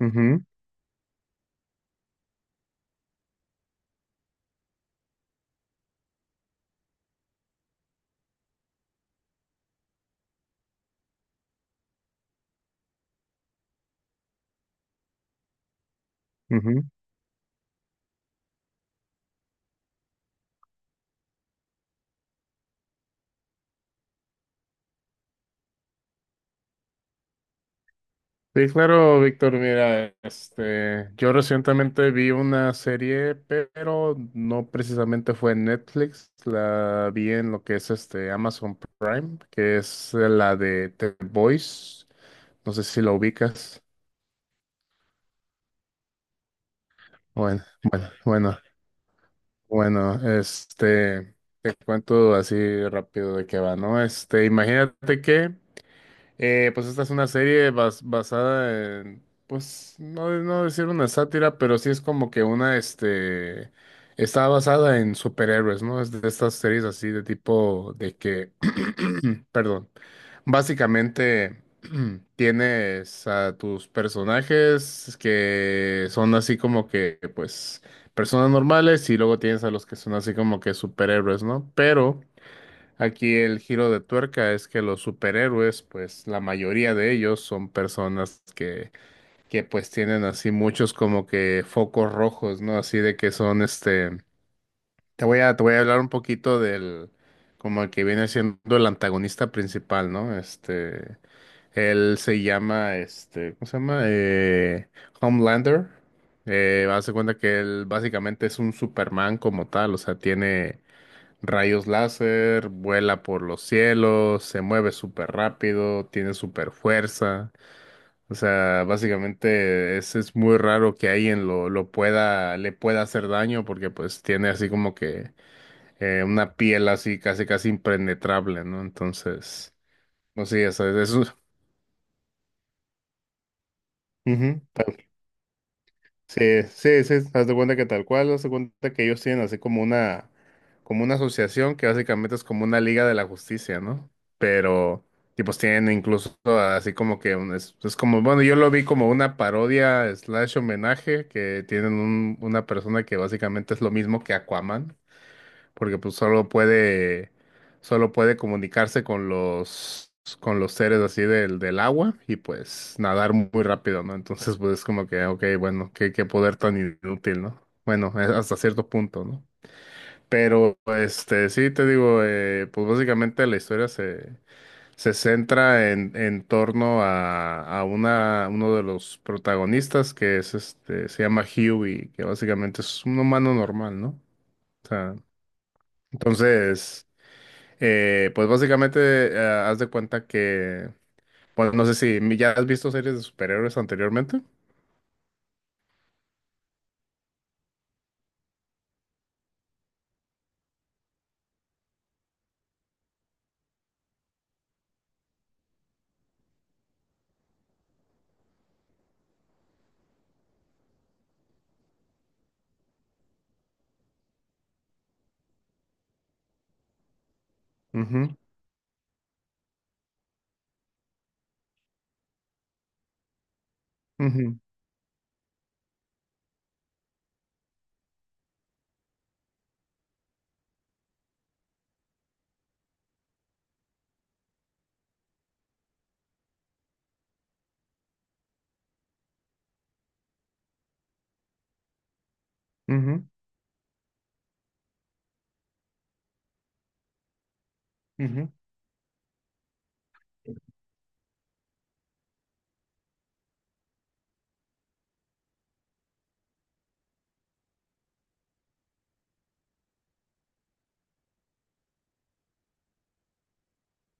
Ujú, ujú. Sí, claro, Víctor, mira, yo recientemente vi una serie, pero no precisamente fue en Netflix, la vi en lo que es Amazon Prime, que es la de The Voice, no sé si la ubicas. Bueno, bueno, bueno, bueno, este, te cuento así rápido de qué va, ¿no? Imagínate que pues esta es una serie basada en, pues no, no decir una sátira, pero sí es como que una, está basada en superhéroes, ¿no? Es de estas series así de tipo de que, perdón, básicamente tienes a tus personajes que son así como que, pues, personas normales y luego tienes a los que son así como que superhéroes, ¿no? Pero... Aquí el giro de tuerca es que los superhéroes, pues la mayoría de ellos son personas que pues tienen así muchos como que focos rojos, ¿no? Así de que son te voy a hablar un poquito del, como el que viene siendo el antagonista principal, ¿no? Él se llama, este, ¿cómo se llama? Homelander. Haz de cuenta que él básicamente es un Superman como tal, o sea, tiene rayos láser, vuela por los cielos, se mueve súper rápido, tiene súper fuerza. O sea, básicamente es, muy raro que alguien lo pueda, le pueda hacer daño porque pues tiene así como que una piel así casi casi impenetrable, ¿no? Entonces, pues sí, o sea, es, ujú. Sí, sí, sí, haz de cuenta que tal cual, haz de cuenta que ellos tienen así como una asociación que básicamente es como una liga de la justicia, ¿no? Pero, tipos tienen incluso así como que es como, bueno, yo lo vi como una parodia slash homenaje que tienen una persona que básicamente es lo mismo que Aquaman porque pues solo puede comunicarse con los seres así del, del agua y pues nadar muy rápido, ¿no? Entonces pues es como que, ok, bueno, qué, qué poder tan inútil, ¿no? Bueno, es hasta cierto punto, ¿no? Pero sí, te digo, pues básicamente la historia se, se centra en torno a una, uno de los protagonistas que es se llama Huey, que básicamente es un humano normal, ¿no? O sea, entonces, pues básicamente, haz de cuenta que, bueno, no sé si ya has visto series de superhéroes anteriormente. Ujú, ujú, ujú, ujú,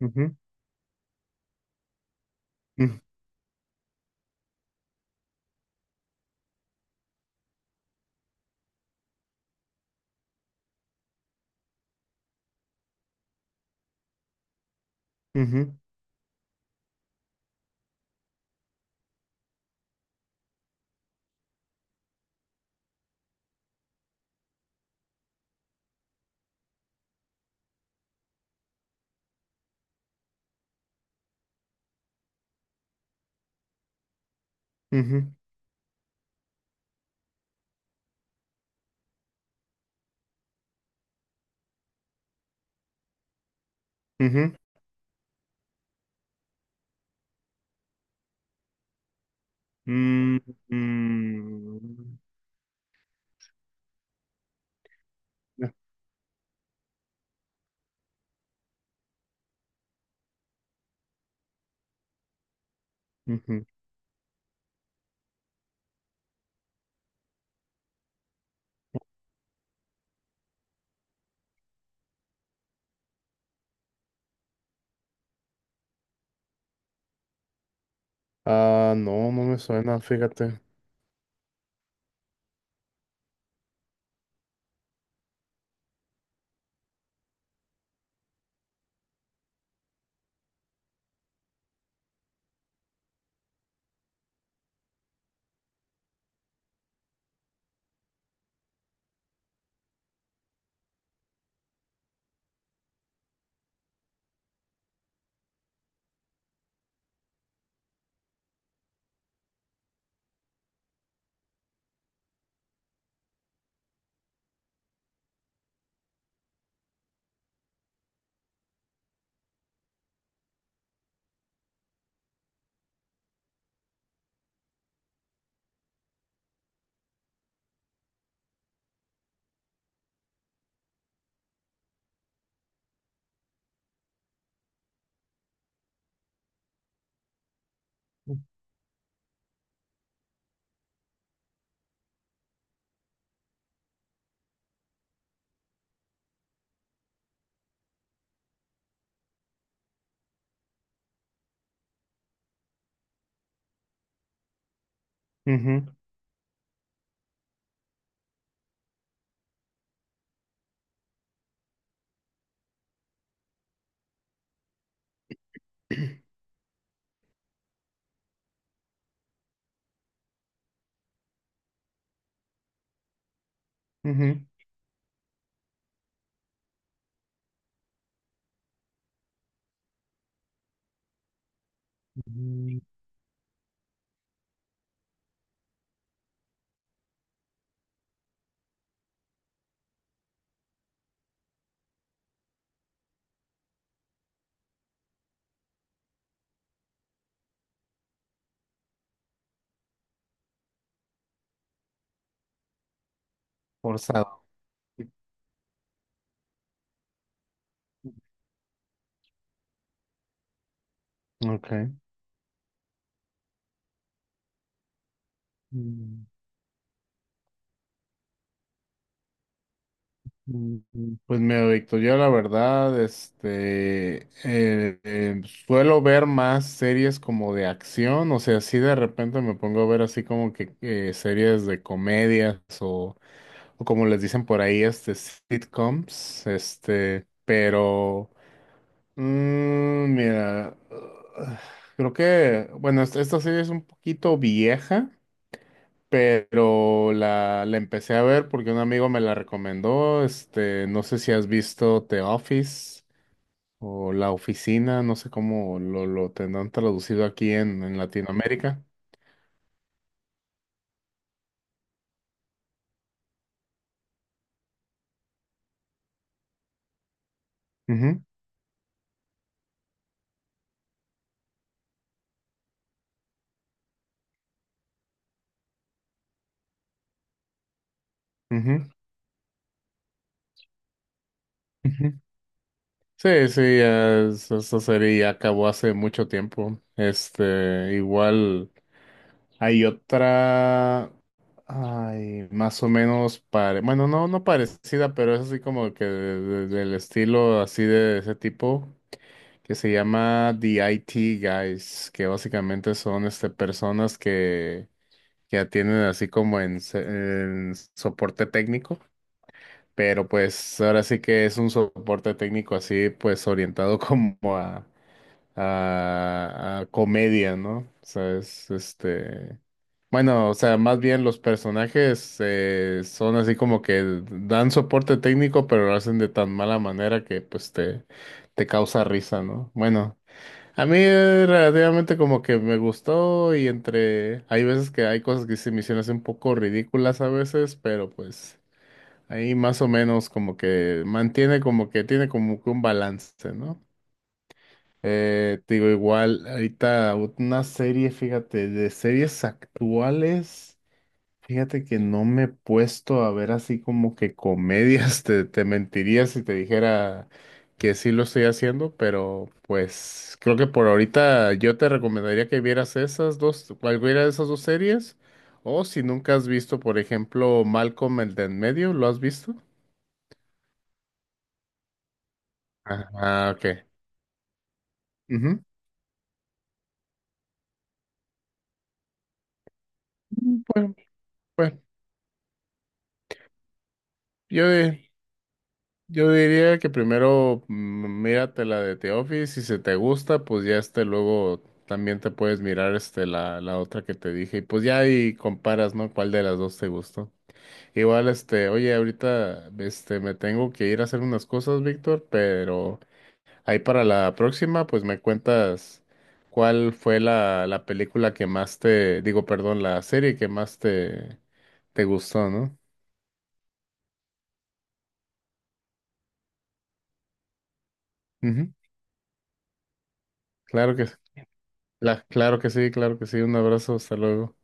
ujú, ujú, ujú, ujú, ujú. Mm, mm, ya, ujú. Ah, no, no me suena, fíjate. Ujú, ujú, ujú. Forzado. Ok. Pues mira, Víctor, yo la verdad, suelo ver más series como de acción, o sea, si de repente me pongo a ver así como que series de comedias o como les dicen por ahí, sitcoms, pero, mira, creo que, bueno, esta serie es un poquito vieja, pero la empecé a ver porque un amigo me la recomendó. No sé si has visto The Office o La Oficina, no sé cómo lo tendrán traducido aquí en Latinoamérica. Ujú, ujú, ujú. Sí, sí, esa serie ya acabó hace mucho tiempo. Igual hay otra, ay, más o menos pare, bueno, no, no parecida, pero es así como que del estilo así de ese tipo, que se llama The IT Guys, que básicamente son personas que atienden así como en, en soporte técnico, pero pues ahora sí que es un soporte técnico así pues orientado como a, a comedia, ¿no? O sea, es este... Bueno, o sea, más bien los personajes son así como que dan soporte técnico, pero lo hacen de tan mala manera que pues te causa risa, ¿no? Bueno, a mí relativamente como que me gustó y entre... Hay veces que hay cosas que se me hicieron así un poco ridículas a veces, pero pues ahí más o menos como que mantiene como que tiene como que un balance, ¿no? Te digo, igual, ahorita una serie, fíjate, de series actuales. Fíjate que no me he puesto a ver así como que comedias, te mentiría si te dijera que sí lo estoy haciendo, pero pues creo que por ahorita yo te recomendaría que vieras esas dos, cualquiera de esas dos series, o si nunca has visto, por ejemplo, Malcolm el de en medio, ¿lo has visto? Ok. Ujú. Bueno, bueno, yo, eh, yo diría que primero mírate la de The Office, si se te gusta, pues ya luego también te puedes mirar la, la otra que te dije y pues ya ahí comparas, ¿no? ¿Cuál de las dos te gustó? Igual oye, ahorita me tengo que ir a hacer unas cosas, Víctor, pero ahí para la próxima pues me cuentas cuál fue la, la película que más te, digo, perdón, la serie que más te, te gustó, ¿no? Ujú, claro que sí. Claro que sí, claro que sí. Un abrazo, hasta luego.